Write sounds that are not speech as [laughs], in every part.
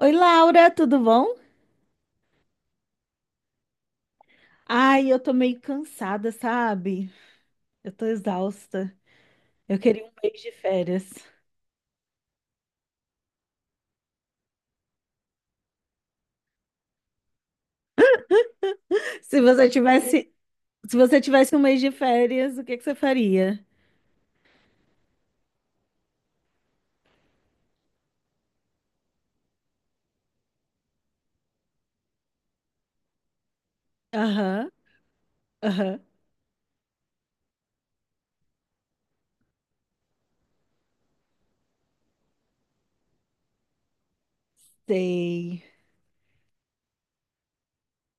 Oi, Laura, tudo bom? Ai, eu tô meio cansada, sabe? Eu tô exausta. Eu queria um mês de férias. [laughs] Se você tivesse, se você tivesse um mês de férias, o que que você faria? Aham, aham. Sei,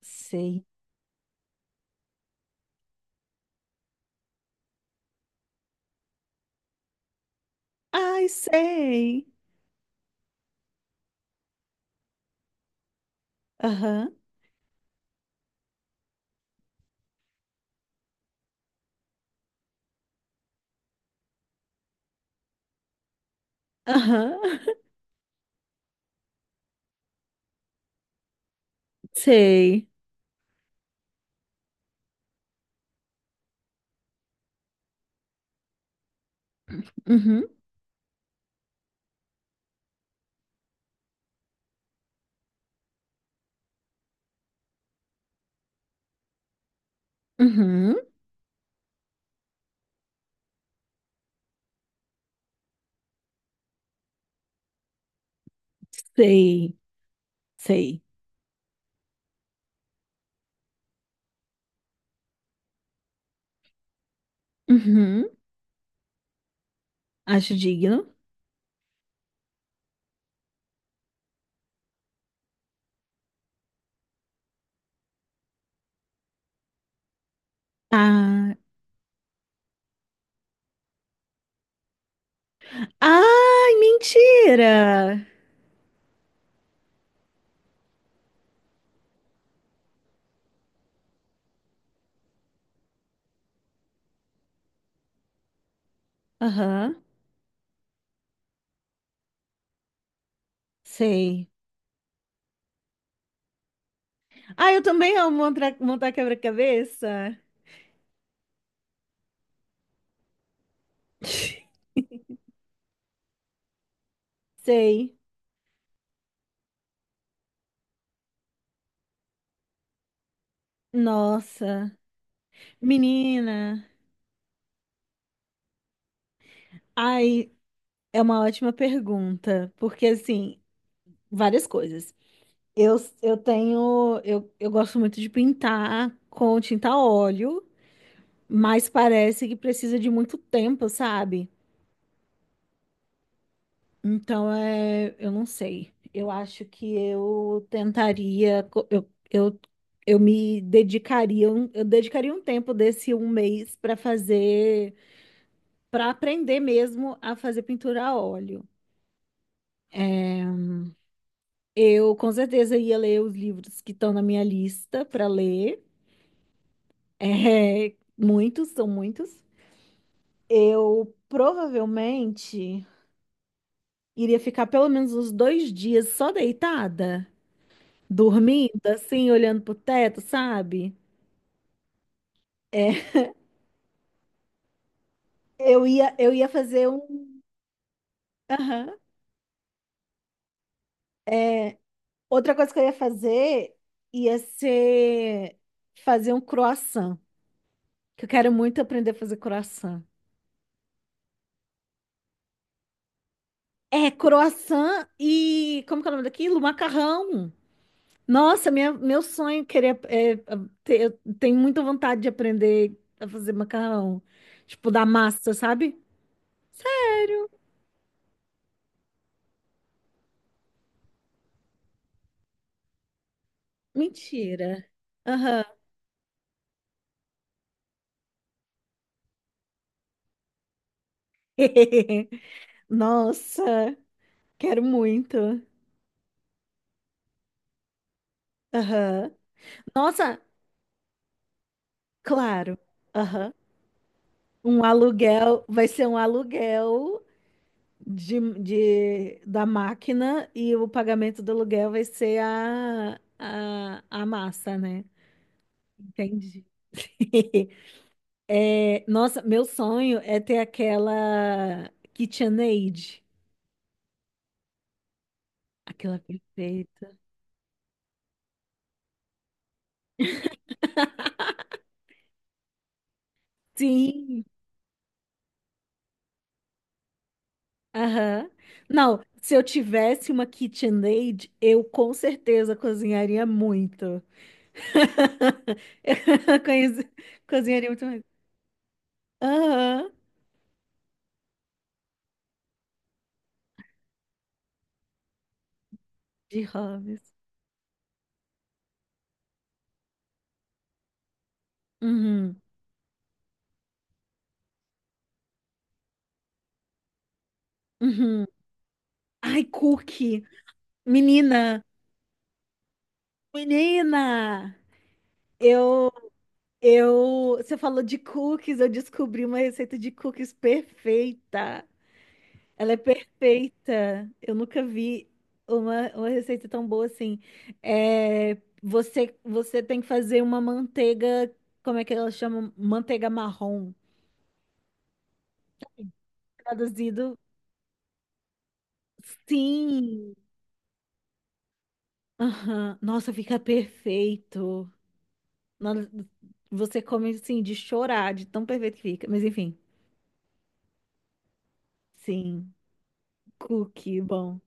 sei. Ai, sei. Aham, aham. [laughs] Sei. Uhum, uhum. Sei, sei. Uhum. Acho digno. Ah, ai, mentira. Aham, sei. Ah, eu também amo montar, montar quebra-cabeça. [laughs] Sei. Nossa. Menina. Ai, é uma ótima pergunta. Porque, assim, várias coisas. Eu, eu tenho. Eu gosto muito de pintar com tinta a óleo, mas parece que precisa de muito tempo, sabe? Então, é, eu não sei. Eu acho que eu tentaria, eu me dedicaria, eu dedicaria um tempo desse um mês para fazer, para aprender mesmo a fazer pintura a óleo. É, eu com certeza ia ler os livros que estão na minha lista para ler. [laughs] É, muitos, são muitos. Eu provavelmente iria ficar pelo menos uns dois dias só deitada, dormindo, assim, olhando pro teto, sabe? É, eu ia fazer um. Aham. Outra coisa que eu ia fazer ia ser fazer um croissant, que eu quero muito aprender a fazer croissant. É, croissant e... Como que é o nome daquilo? Macarrão. Nossa, meu sonho é querer. É, eu tenho muita vontade de aprender a fazer macarrão. Tipo, da massa, sabe? Mentira. Aham. [laughs] Nossa. Quero muito. Aham. Nossa, claro. Aham. Um aluguel, vai ser um aluguel de, da máquina, e o pagamento do aluguel vai ser a massa, né? Entendi. [laughs] É, nossa, meu sonho é ter aquela KitchenAid, aquela perfeita. Sim, aham. Não, se eu tivesse uma KitchenAid, eu com certeza cozinharia muito. [laughs] Eu conheço, cozinharia muito mais. Aham. De hobbies. Uhum. Uhum. Ai, cookie. Menina, menina. Eu, você falou de cookies, eu descobri uma receita de cookies perfeita. Ela é perfeita. Eu nunca vi uma receita tão boa assim. É, você tem que fazer uma manteiga, como é que ela chama? Manteiga marrom. Traduzido. Sim. Aham. Nossa, fica perfeito. Nossa, você come assim de chorar, de tão perfeito que fica. Mas enfim, sim. Cookie, bom.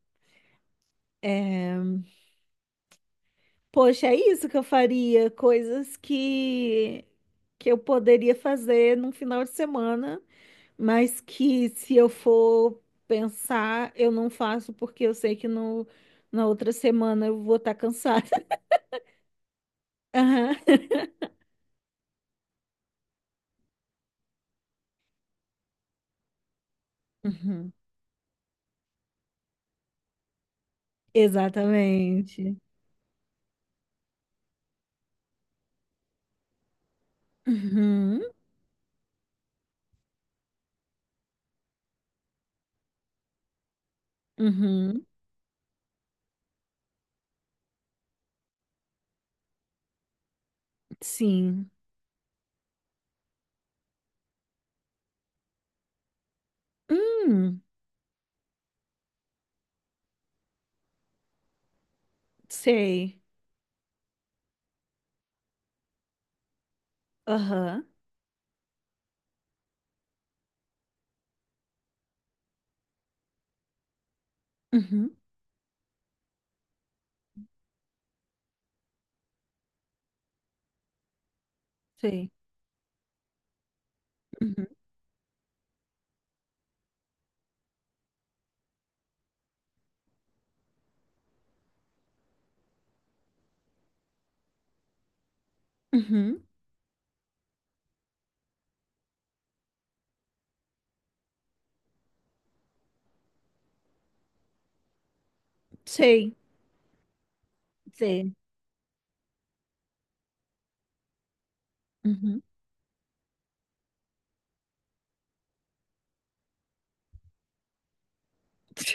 É... Poxa, é isso que eu faria. Coisas que eu poderia fazer num final de semana, mas que, se eu for pensar, eu não faço porque eu sei que no... na outra semana eu vou estar cansada. [laughs] Aham. Uhum. Exatamente. Uhum. Uhum, sim. Hum, sei. Aham. Uhum, sei. Uhum, uhum, sei. Sei. Uhum.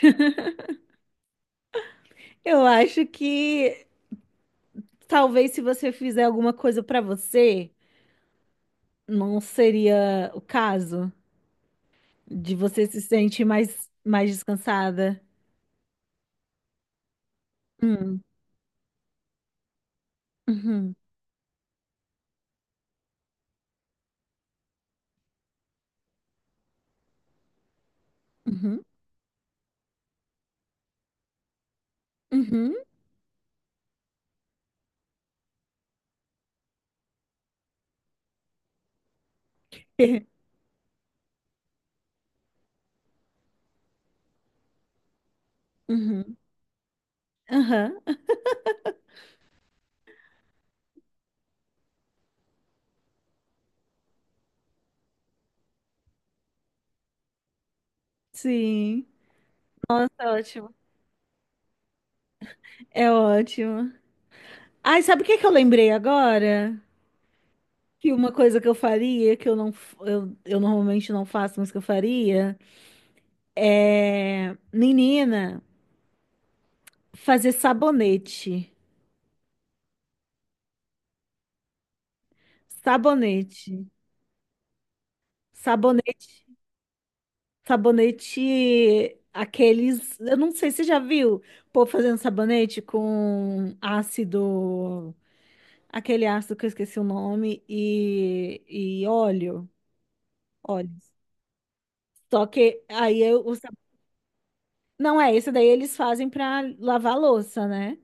[laughs] Eu acho que talvez, se você fizer alguma coisa pra você, não seria o caso de você se sentir mais descansada. Hum, uhum, uhum, uhum, [laughs] uhum, aham. Sim, tá ótimo. É ótimo. Ai, sabe o que que eu lembrei agora? Que uma coisa que eu faria, que eu não, eu normalmente não faço, mas que eu faria, é, menina, fazer sabonete. Sabonete. Sabonete. Sabonete, aqueles, eu não sei, você já viu, pô, fazendo sabonete com ácido, aquele ácido que eu esqueci o nome, e óleo, óleo. Só que aí eu, não é, esse daí eles fazem pra lavar a louça, né?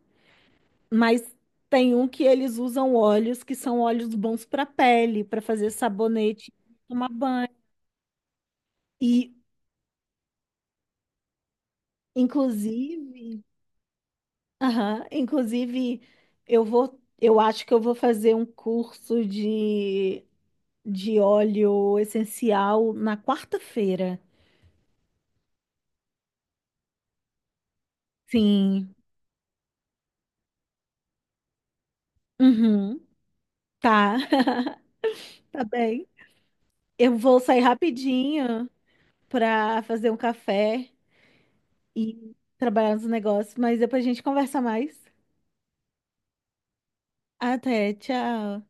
Mas tem um que eles usam óleos que são óleos bons para pele, para fazer sabonete, tomar banho. E inclusive, aham, inclusive eu vou, eu acho que eu vou fazer um curso de óleo essencial na quarta-feira. Sim. Uhum. Tá. [laughs] Tá bem. Eu vou sair rapidinho para fazer um café e trabalhar nos negócios, mas depois a gente conversa mais. Até, tchau.